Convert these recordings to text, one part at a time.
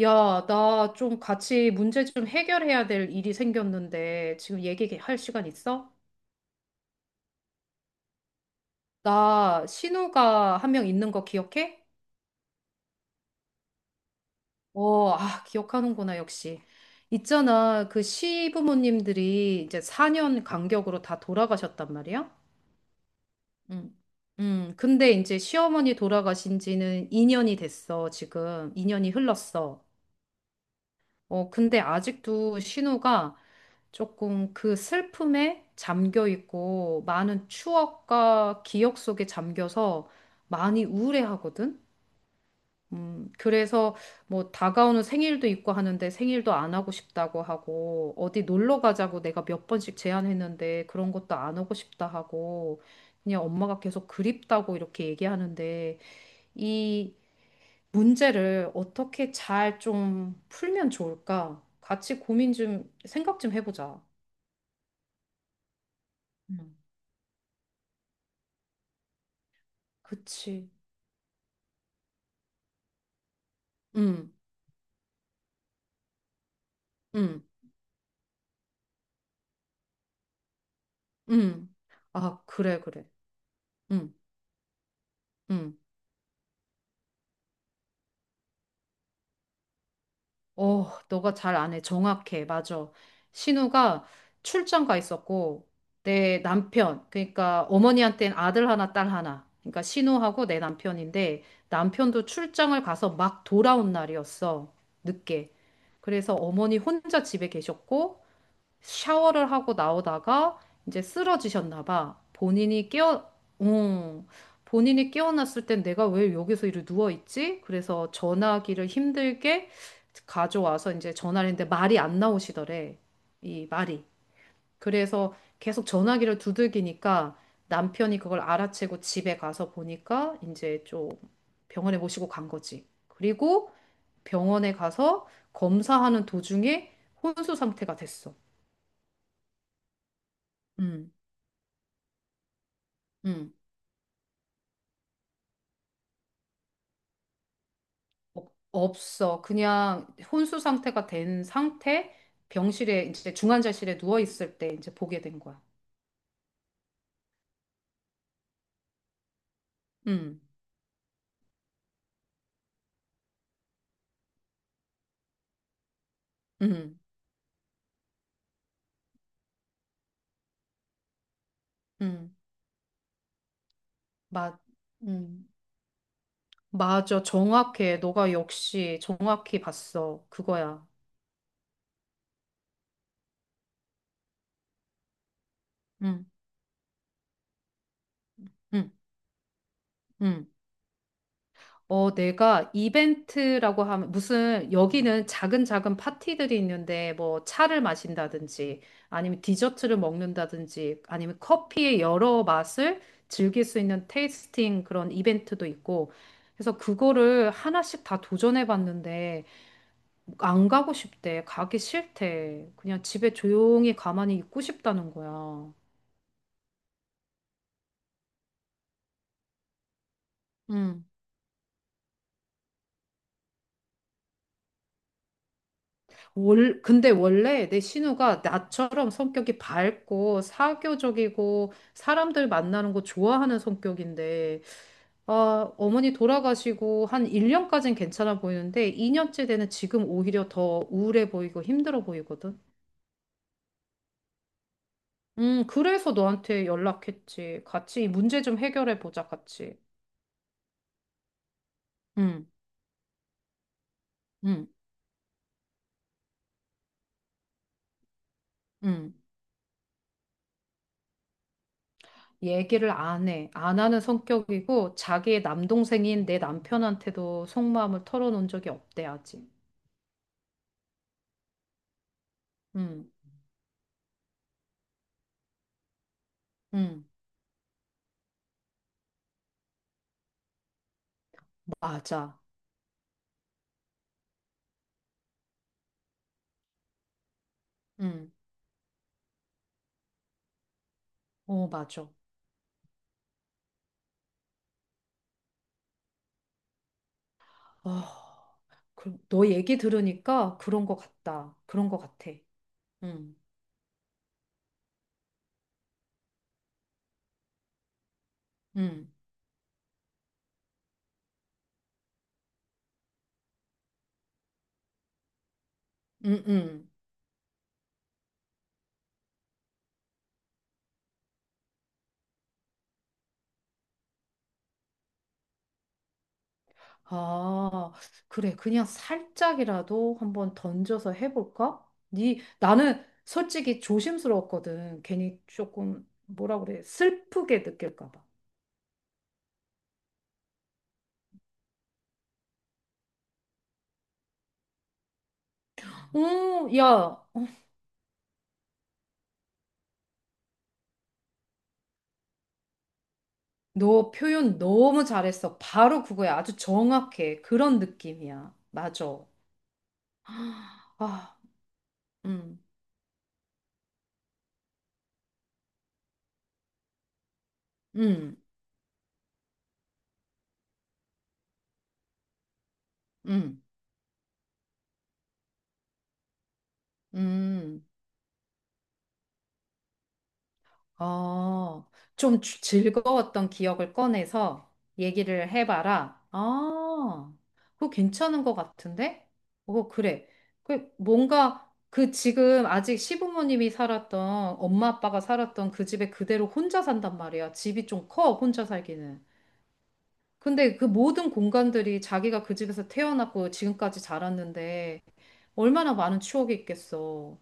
야, 나 좀 같이 문제 좀 해결해야 될 일이 생겼는데 지금 얘기할 시간 있어? 나 신우가 한 명 있는 거 기억해? 어, 아, 기억하는구나, 역시. 있잖아, 그 시부모님들이 이제 4년 간격으로 다 돌아가셨단 말이야? 응. 근데 이제 시어머니 돌아가신 지는 2년이 됐어, 지금. 2년이 흘렀어. 근데 아직도 신우가 조금 그 슬픔에 잠겨 있고 많은 추억과 기억 속에 잠겨서 많이 우울해하거든. 그래서 뭐 다가오는 생일도 있고 하는데 생일도 안 하고 싶다고 하고 어디 놀러 가자고 내가 몇 번씩 제안했는데 그런 것도 안 오고 싶다 하고 그냥 엄마가 계속 그립다고 이렇게 얘기하는데 이 문제를 어떻게 잘 좀 풀면 좋을까? 같이 고민 좀, 생각 좀 해보자. 음. 그치. 응, 응, 응. 아, 그래, 그래. 응, 응. 어, 너가 잘 안 해. 정확해. 맞아. 신우가 출장 가 있었고, 내 남편, 그러니까 어머니한테는 아들 하나, 딸 하나. 그러니까 신우하고 내 남편인데, 남편도 출장을 가서 막 돌아온 날이었어. 늦게. 그래서 어머니 혼자 집에 계셨고, 샤워를 하고 나오다가 이제 쓰러지셨나 봐. 어, 본인이 깨어났을 땐 내가 왜 여기서 이렇게 누워있지? 그래서 전화기를 힘들게 가져와서 이제 전화를 했는데 말이 안 나오시더래. 이 말이. 그래서 계속 전화기를 두들기니까 남편이 그걸 알아채고 집에 가서 보니까 이제 좀 병원에 모시고 간 거지. 그리고 병원에 가서 검사하는 도중에 혼수 상태가 됐어. 음. 음, 없어. 그냥 혼수 상태가 된 상태, 병실에 이제 중환자실에 누워 있을 때 이제 보게 된 거야. 음, 음, 음, 맞, 음, 맞아. 정확해. 너가 역시 정확히 봤어. 그거야. 음, 음, 음. 내가 이벤트라고 하면 무슨 여기는 작은 작은 파티들이 있는데 뭐 차를 마신다든지 아니면 디저트를 먹는다든지 아니면 커피의 여러 맛을 즐길 수 있는 테이스팅 그런 이벤트도 있고 그래서 그거를 하나씩 다 도전해 봤는데 안 가고 싶대. 가기 싫대. 그냥 집에 조용히 가만히 있고 싶다는 거야. 근데 원래 내 신우가 나처럼 성격이 밝고 사교적이고 사람들 만나는 거 좋아하는 성격인데, 아, 어머니 돌아가시고 한 1년까진 괜찮아 보이는데 2년째 되는 지금 오히려 더 우울해 보이고 힘들어 보이거든. 그래서 너한테 연락했지. 같이 이 문제 좀 해결해 보자, 같이. 응 응 응 얘기를 안 해. 안 하는 성격이고 자기의 남동생인 내 남편한테도 속마음을 털어놓은 적이 없대, 아직. 음, 음, 맞아. 음, 어, 맞아. 어, 너 얘기 들으니까 그런 것 같다. 그런 것 같아. 음, 음, 음, 음. 아, 그래. 그냥 살짝이라도 한번 던져서 해볼까? 나는 솔직히 조심스러웠거든. 괜히 조금, 뭐라 그래. 슬프게 느낄까 봐. 오, 야, 어, 너 표현 너무 잘했어. 바로 그거야. 아주 정확해. 그런 느낌이야. 맞아. 아, 음, 음, 음, 음. 어, 좀 즐거웠던 기억을 꺼내서 얘기를 해봐라. 아, 그거 괜찮은 것 같은데? 어, 그래. 그 뭔가 그 지금 아직 시부모님이 살았던 엄마 아빠가 살았던 그 집에 그대로 혼자 산단 말이야. 집이 좀 커, 혼자 살기는. 근데 그 모든 공간들이 자기가 그 집에서 태어났고 지금까지 자랐는데 얼마나 많은 추억이 있겠어.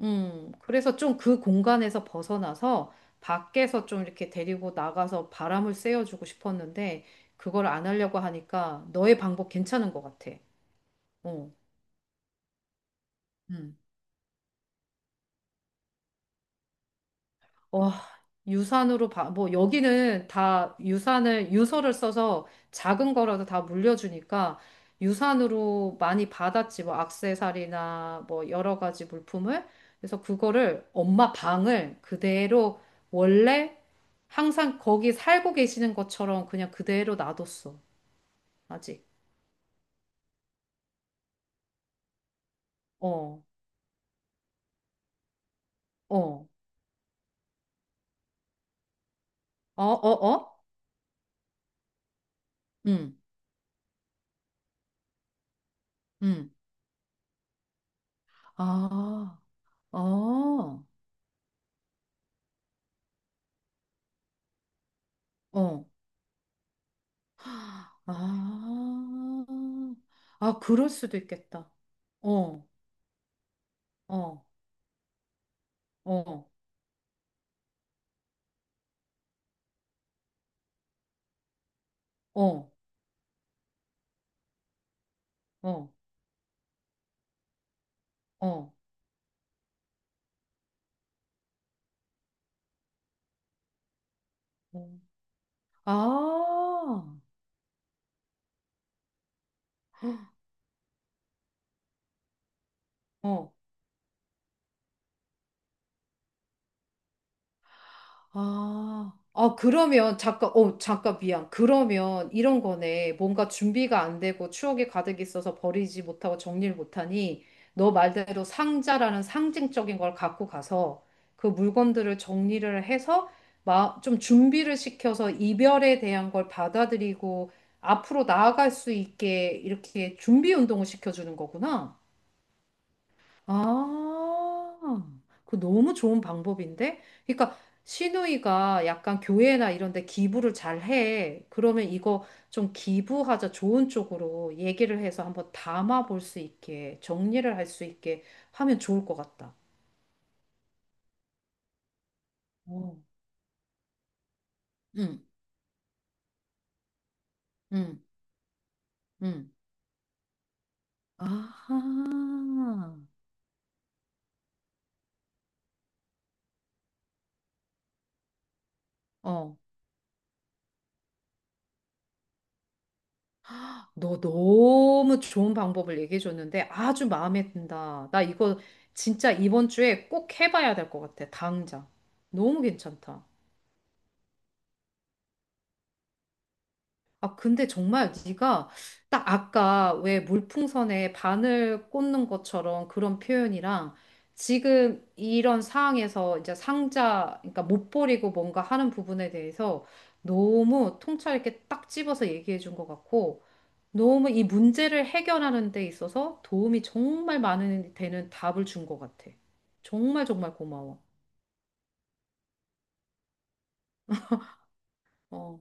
그래서 좀 그 공간에서 벗어나서 밖에서 좀 이렇게 데리고 나가서 바람을 쐬어주고 싶었는데 그걸 안 하려고 하니까 너의 방법 괜찮은 것 같아. 어, 음. 와, 유산으로 봐, 뭐, 여기는 다 유서를 써서 작은 거라도 다 물려주니까 유산으로 많이 받았지, 뭐, 악세사리나 뭐, 여러 가지 물품을. 그래서 그거를 엄마 방을 그대로 원래 항상 거기 살고 계시는 것처럼 그냥 그대로 놔뒀어, 아직. 어, 어, 어, 어, 어? 응, 응. 아, 어, 어. 아, 아, 그럴 수도 있겠다. 어, 어, 어, 어, 어, 어, 어. 아, 어, 아, 아, 그러면, 잠깐, 어, 잠깐, 미안. 그러면 이런 거네. 뭔가 준비가 안 되고 추억이 가득 있어서 버리지 못하고 정리를 못하니, 너 말대로 상자라는 상징적인 걸 갖고 가서 그 물건들을 정리를 해서 좀 준비를 시켜서 이별에 대한 걸 받아들이고 앞으로 나아갈 수 있게 이렇게 준비 운동을 시켜주는 거구나. 아, 그 너무 좋은 방법인데? 그러니까 시누이가 약간 교회나 이런 데 기부를 잘 해. 그러면 이거 좀 기부하자 좋은 쪽으로 얘기를 해서 한번 담아 볼 수 있게, 정리를 할 수 있게 하면 좋을 것 같다. 어. 응, 응, 응. 아, 어. 너 너무 좋은 방법을 얘기해 줬는데 아주 마음에 든다. 나 이거 진짜 이번 주에 꼭 해봐야 될 것 같아. 당장. 너무 괜찮다. 아, 근데 정말 네가 딱 아까 왜 물풍선에 바늘 꽂는 것처럼 그런 표현이랑 지금 이런 상황에서 이제 상자, 그러니까 못 버리고 뭔가 하는 부분에 대해서 너무 통찰 있게 딱 집어서 얘기해 준 것 같고 너무 이 문제를 해결하는 데 있어서 도움이 정말 많은 되는 답을 준 것 같아. 정말 정말 고마워. 어,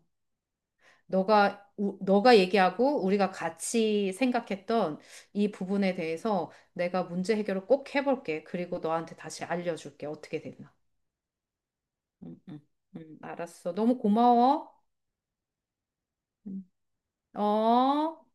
너가 얘기하고 우리가 같이 생각했던 이 부분에 대해서 내가 문제 해결을 꼭 해볼게. 그리고 너한테 다시 알려줄게. 어떻게 됐나? 응, 응, 응, 알았어. 너무 고마워. 응. 어.